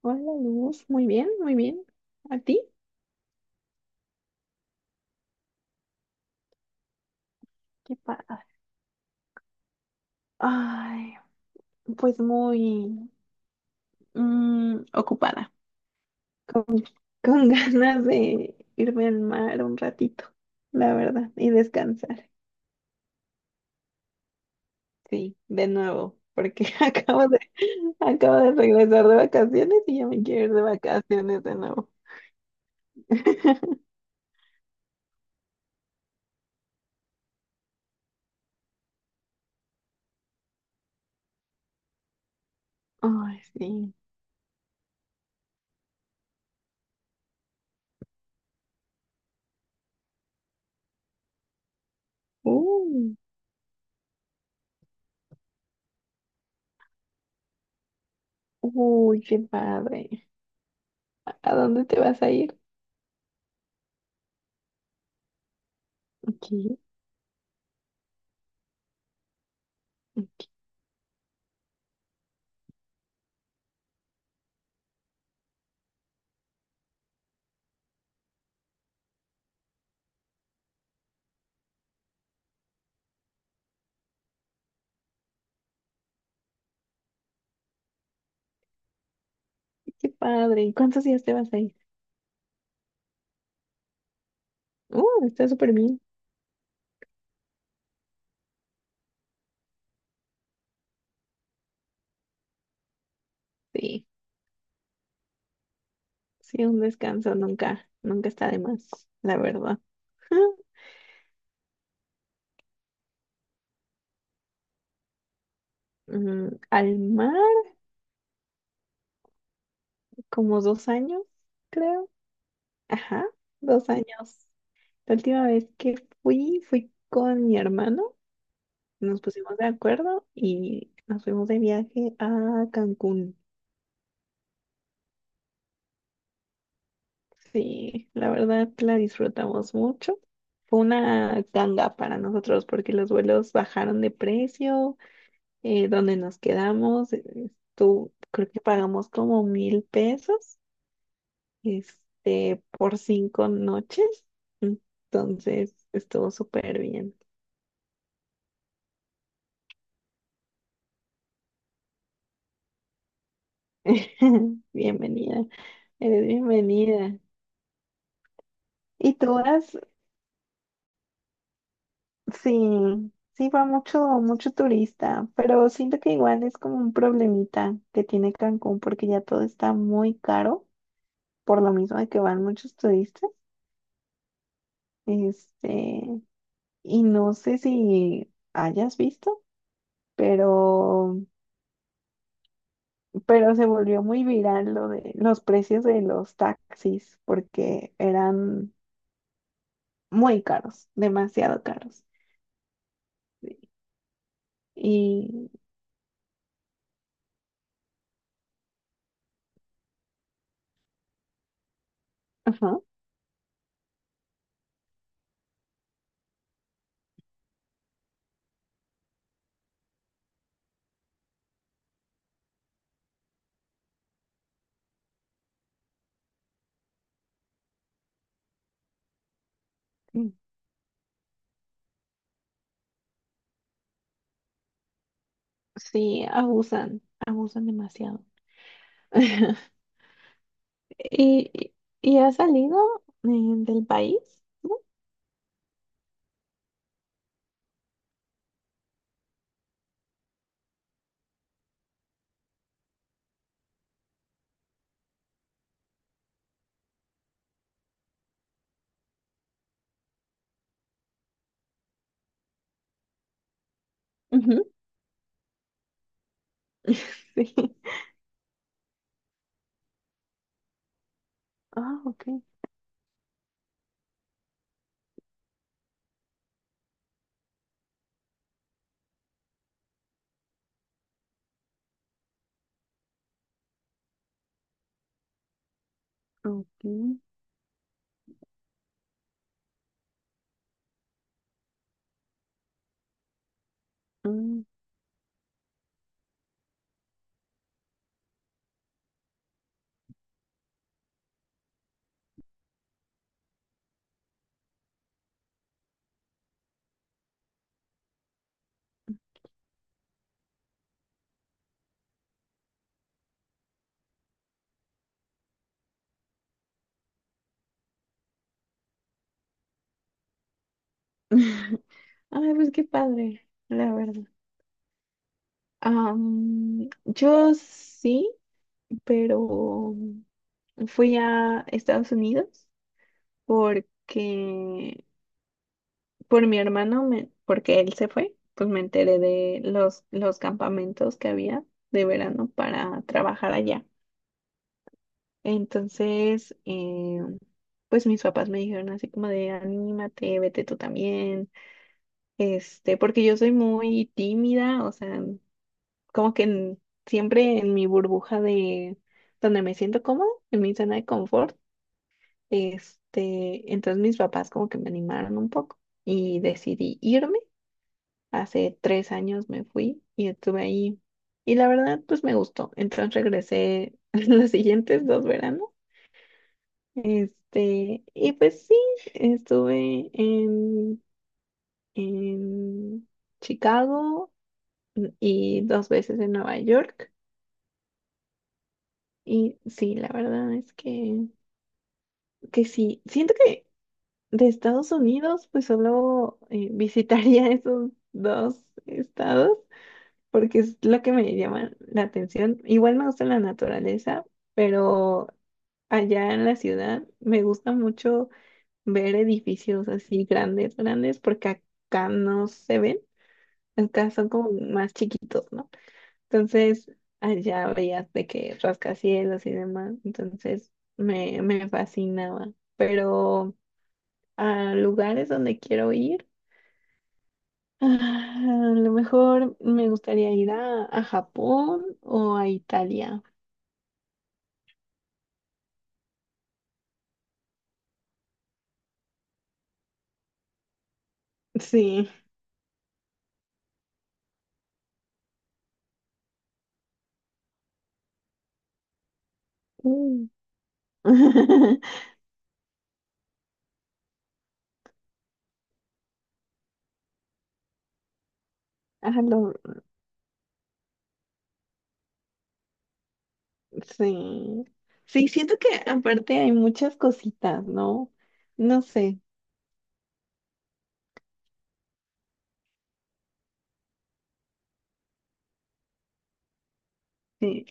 Hola Luz, muy bien, muy bien. ¿A ti? ¿Qué pasa? Ay, pues muy ocupada, con, con ganas de irme al mar un ratito, la verdad, y descansar. Sí, de nuevo, porque acabo de regresar de vacaciones y ya me quiero ir de vacaciones de nuevo. Ay, sí. Uy, uy, qué padre. ¿A dónde te vas a ir? Aquí, qué padre. ¿Y cuántos días te vas a ir? Está súper bien. Sí, sí, un descanso nunca, nunca está de más, la verdad. Al mar, como 2 años, creo. Ajá, 2 años. La última vez que fui con mi hermano, nos pusimos de acuerdo y nos fuimos de viaje a Cancún. Sí, la verdad la disfrutamos mucho. Fue una ganga para nosotros porque los vuelos bajaron de precio, donde nos quedamos, tú creo que pagamos como 1,000 pesos, por 5 noches. Entonces, estuvo súper bien. Bienvenida, eres bienvenida. Y tú has, sí, sí va mucho, mucho turista, pero siento que igual es como un problemita que tiene Cancún porque ya todo está muy caro, por lo mismo de que van muchos turistas. Este, y no sé si hayas visto, pero, pero se volvió muy viral lo de los precios de los taxis porque eran muy caros, demasiado caros. Y, ajá, sí, abusan, abusan demasiado. ¿Y, y y has salido eh, del país, ¿no? Ujú. Sí. Ah, ok. Ok. Mm. Ay, pues qué padre, la verdad. Yo sí, pero fui a Estados Unidos porque por mi hermano, me- porque él se fue, pues me enteré de los campamentos que había de verano para trabajar allá. Entonces, pues mis papás me dijeron así como de anímate, vete tú también, porque yo soy muy tímida, o sea, como que en- siempre en mi burbuja de donde me siento cómoda, en mi zona de confort, entonces mis papás como que me animaron un poco y decidí irme. Hace 3 años me fui y estuve ahí y la verdad pues me gustó. Entonces regresé los siguientes dos veranos, y pues sí, estuve en Chicago y dos veces en Nueva York. Y sí, la verdad es que sí, siento que de Estados Unidos, pues solo visitaría esos dos estados, porque es lo que me llama la atención. Igual me gusta la naturaleza, pero allá en la ciudad me gusta mucho ver edificios así grandes, grandes, porque acá no se ven, acá son como más chiquitos, ¿no? Entonces, allá veías de que rascacielos y demás, entonces me fascinaba, pero a lugares donde quiero ir. Ah, a lo mejor me gustaría ir a Japón o a Italia. Sí. Mm. A lo- sí. Sí, siento que aparte hay muchas cositas, ¿no? No sé. Sí,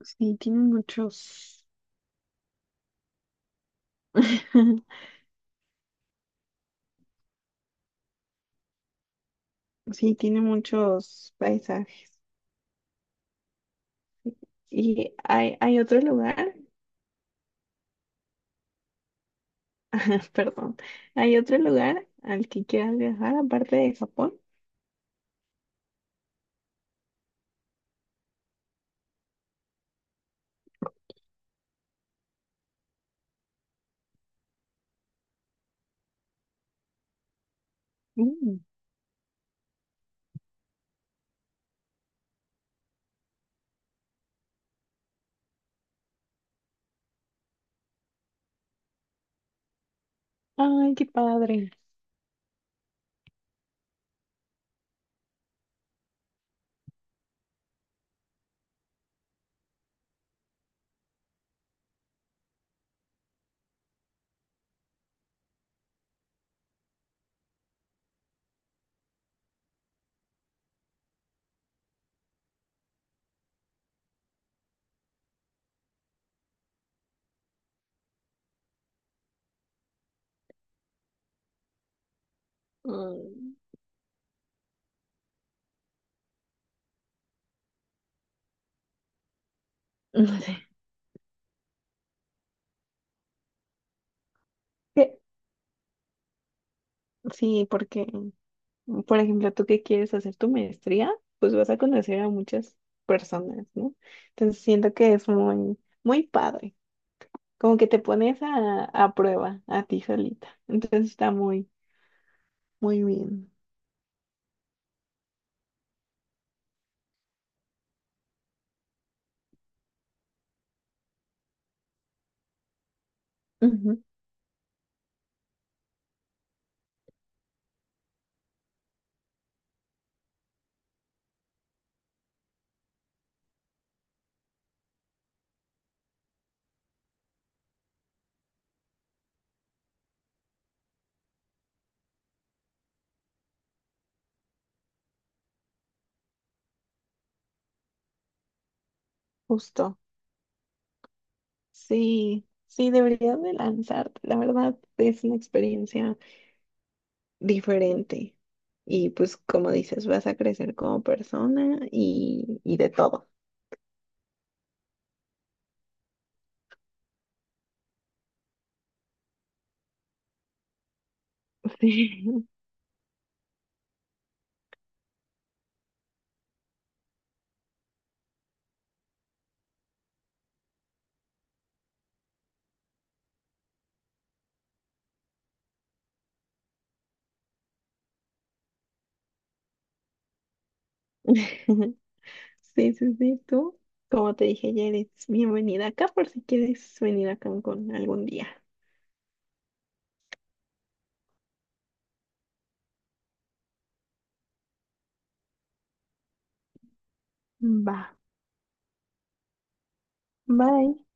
sí, tiene muchos. Sí, tiene muchos paisajes. Y hay otro lugar, perdón, hay otro lugar al que quieras viajar aparte de Japón. Ay, qué padre. Mm. No sé. ¿Qué? Sí, porque, por ejemplo, tú que quieres hacer tu maestría, pues vas a conocer a muchas personas, ¿no? Entonces siento que es muy, muy padre. Como que te pones a prueba a ti solita. Entonces está muy, muy bien. Ujú. Justo. Sí, sí, deberías de lanzarte. La verdad es una experiencia diferente. Y pues como dices, vas a crecer como persona y de todo. Sí, sí, sí, sí, tú. Como te dije ya eres bienvenida acá por si quieres venir a Cancún algún día. Va, bye.